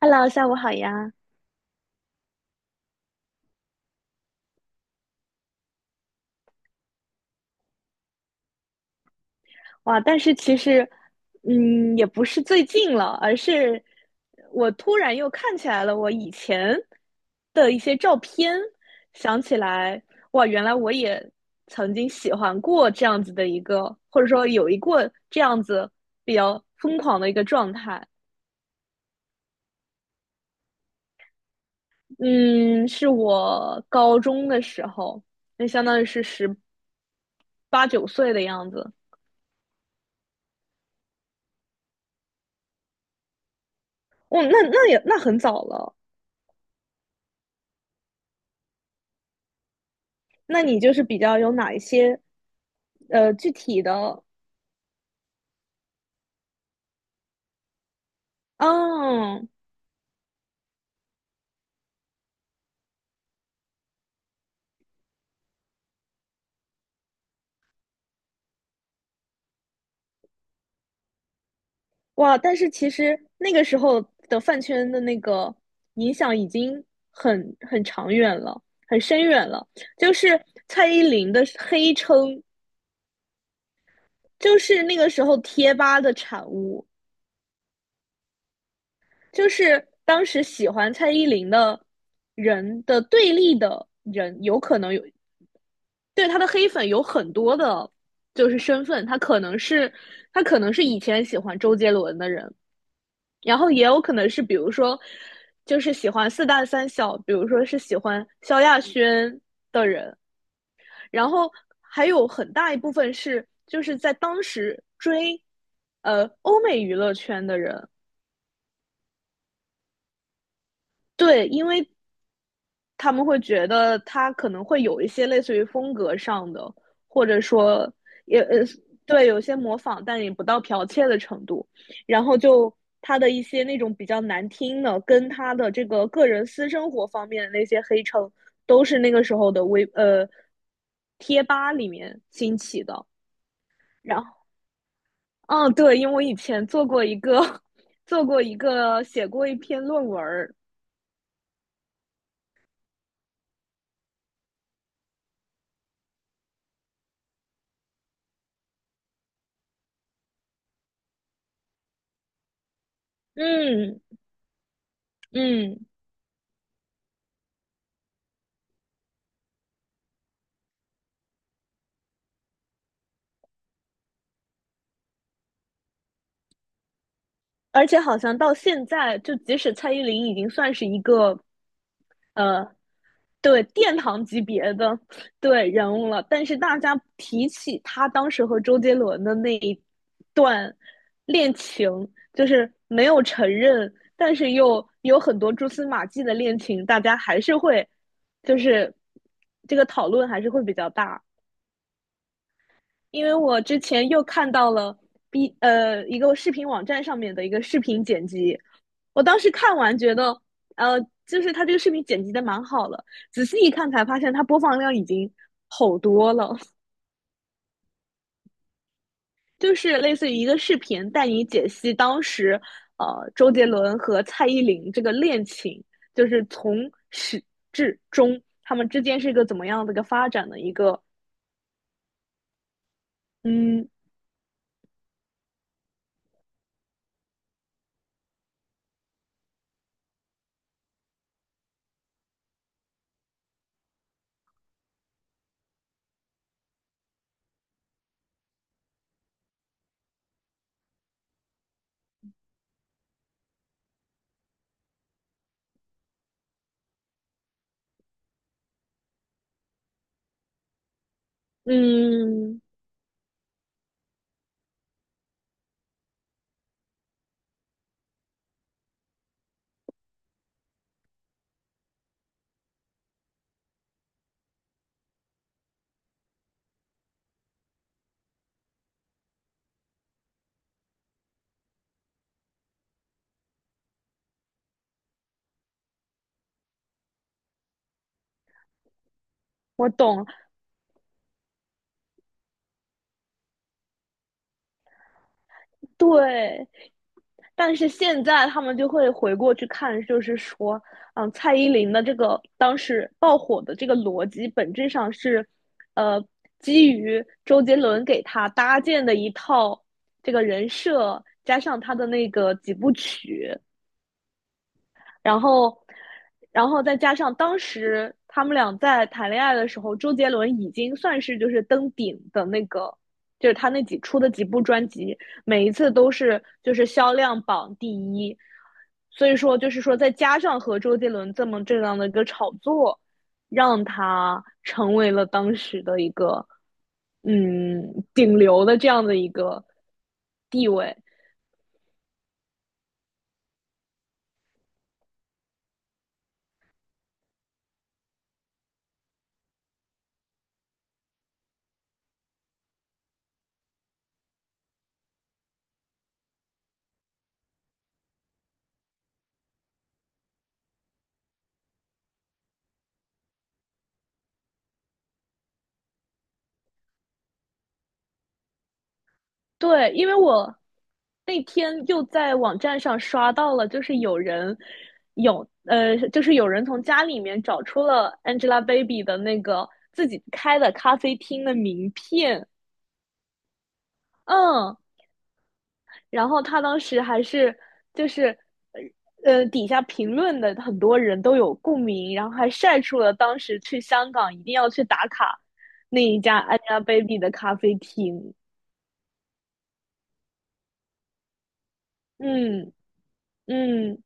Hello，下午好呀！哇，但是其实，也不是最近了，而是我突然又看起来了我以前的一些照片，想起来，哇，原来我也曾经喜欢过这样子的一个，或者说有一过这样子比较疯狂的一个状态。嗯，是我高中的时候，那相当于是十八九岁的样子。哦，那很早了。那你就是比较有哪一些具体的？嗯，哇！但是其实那个时候的饭圈的那个影响已经很长远了，很深远了。就是蔡依林的黑称，就是那个时候贴吧的产物，就是当时喜欢蔡依林的人的对立的人，有可能有对他的黑粉有很多的，就是身份，他可能是以前喜欢周杰伦的人，然后也有可能是比如说就是喜欢四大三小，比如说是喜欢萧亚轩的人，然后还有很大一部分是就是在当时追欧美娱乐圈的人。对，因为他们会觉得他可能会有一些类似于风格上的，或者说也对有些模仿，但也不到剽窃的程度。然后就他的一些那种比较难听的，跟他的这个个人私生活方面的那些黑称，都是那个时候的贴吧里面兴起的。然后，嗯，对，因为我以前做过一个 做过一个写过一篇论文儿，嗯嗯。而且好像到现在，就即使蔡依林已经算是一个，呃，对殿堂级别的对人物了，但是大家提起她当时和周杰伦的那一段恋情，就是没有承认，但是又有很多蛛丝马迹的恋情，大家还是会，就是这个讨论还是会比较大。因为我之前又看到了 B 一个视频网站上面的一个视频剪辑，我当时看完觉得，呃，就是他这个视频剪辑的蛮好了，仔细一看才发现他播放量已经好多了，就是类似于一个视频带你解析当时周杰伦和蔡依林这个恋情，就是从始至终他们之间是一个怎么样的一个发展的一个，嗯嗯，我懂，对，但是现在他们就会回过去看，就是说，嗯，蔡依林的这个当时爆火的这个逻辑，本质上是，呃，基于周杰伦给他搭建的一套这个人设，加上他的那个几部曲，然后，然后再加上当时他们俩在谈恋爱的时候，周杰伦已经算是就是登顶的那个，就是他那几出的几部专辑，每一次都是就是销量榜第一。所以说，就是说再加上和周杰伦这么这样的一个炒作，让他成为了当时的一个嗯顶流的这样的一个地位。对，因为我那天又在网站上刷到了，就是有人有呃，就是有人从家里面找出了 Angelababy 的那个自己开的咖啡厅的名片，嗯，然后他当时还是就是底下评论的很多人都有共鸣，然后还晒出了当时去香港一定要去打卡那一家 Angelababy 的咖啡厅，嗯嗯，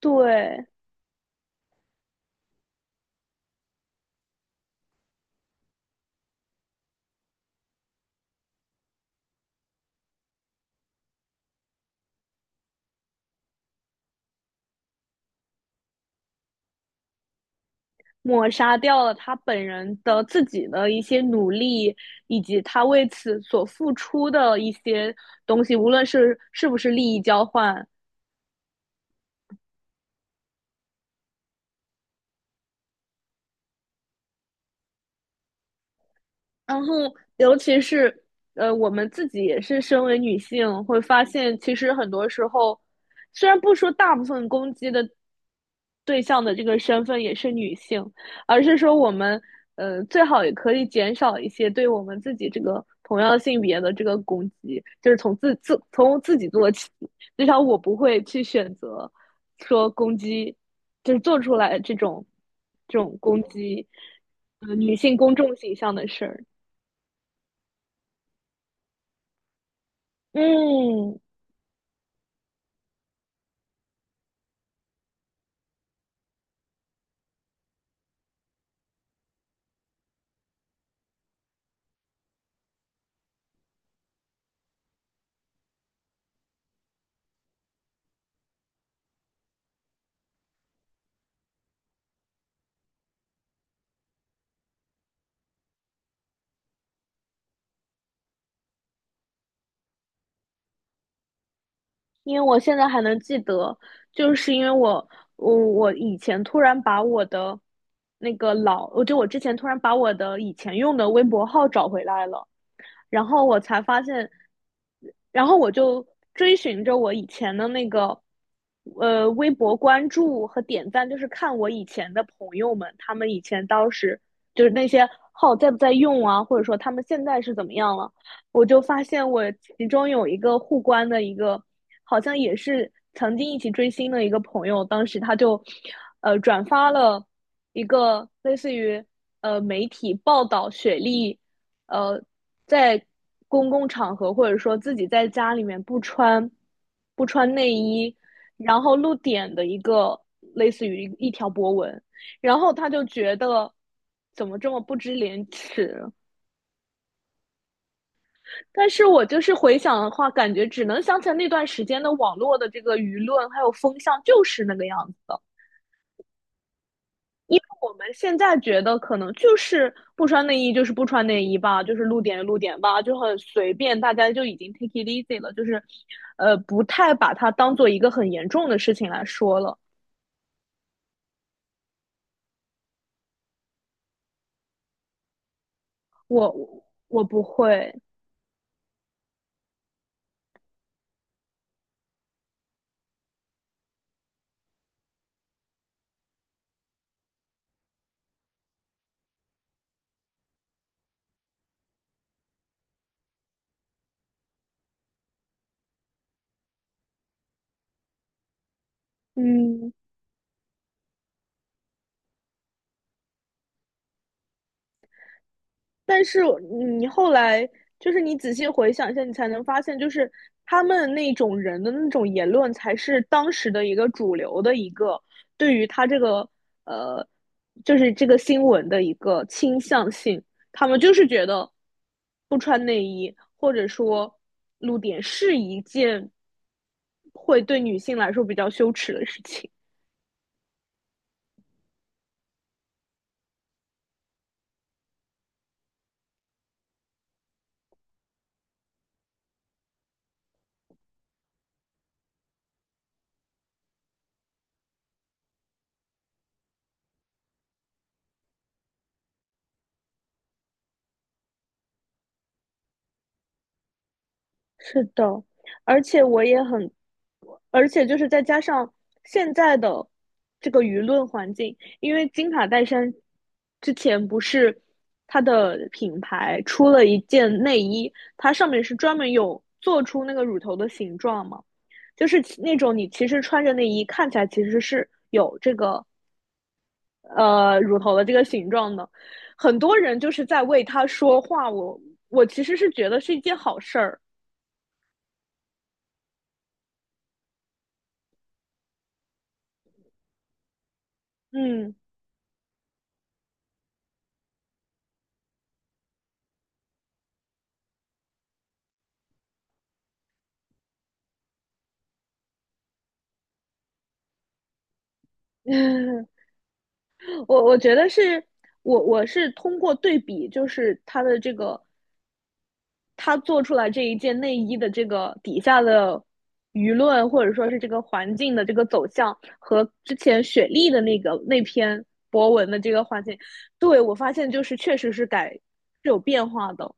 对。抹杀掉了他本人的自己的一些努力，以及他为此所付出的一些东西，无论是是不是利益交换，然后，尤其是我们自己也是身为女性，会发现其实很多时候，虽然不说大部分攻击的对象的这个身份也是女性，而是说我们最好也可以减少一些对我们自己这个同样性别的这个攻击，就是从自己做起。至少我不会去选择说攻击，就是做出来这种攻击女性公众形象的事儿。嗯，因为我现在还能记得，就是因为我以前突然把我的那个老，我就我之前突然把我的以前用的微博号找回来了。然后我才发现，然后我就追寻着我以前的那个微博关注和点赞，就是看我以前的朋友们，他们以前当时就是那些号在不在用啊，或者说他们现在是怎么样了，我就发现我其中有一个互关的一个，好像也是曾经一起追星的一个朋友，当时他就转发了一个类似于媒体报道雪莉。呃，在公共场合或者说自己在家里面不穿内衣，然后露点的一个类似于一条博文，然后他就觉得怎么这么不知廉耻？但是我就是回想的话，感觉只能想起来那段时间的网络的这个舆论还有风向就是那个样子的。因为我们现在觉得可能就是不穿内衣就是不穿内衣吧，就是露点露点吧，就很随便，大家就已经 take it easy 了，就是，不太把它当做一个很严重的事情来说了。我我不会，嗯，但是你后来就是你仔细回想一下，你才能发现，就是他们那种人的那种言论，才是当时的一个主流的一个对于他这个呃，就是这个新闻的一个倾向性。他们就是觉得不穿内衣或者说露点是一件会对女性来说比较羞耻的事情。是的，而且我也很，而且就是再加上现在的这个舆论环境，因为金卡戴珊之前不是它的品牌出了一件内衣，它上面是专门有做出那个乳头的形状嘛，就是其那种你其实穿着内衣看起来其实是有这个乳头的这个形状的，很多人就是在为它说话，我其实是觉得是一件好事儿，嗯。我觉得是我是通过对比，就是他的这个他做出来这一件内衣的这个底下的舆论，或者说是这个环境的这个走向，和之前雪莉的那个那篇博文的这个环境，对我发现就是确实是有变化的。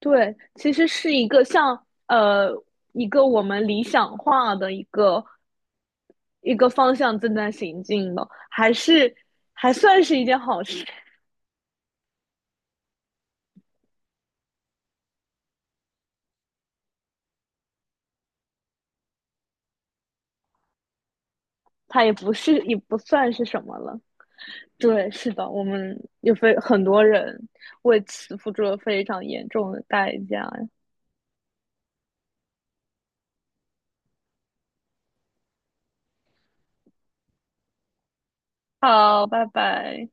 对，其实是一个像一个我们理想化的一个一个方向正在行进的，还是还算是一件好事。它也不是也不算是什么了。对，是的，我们有非很多人为此付出了非常严重的代价。好，拜拜。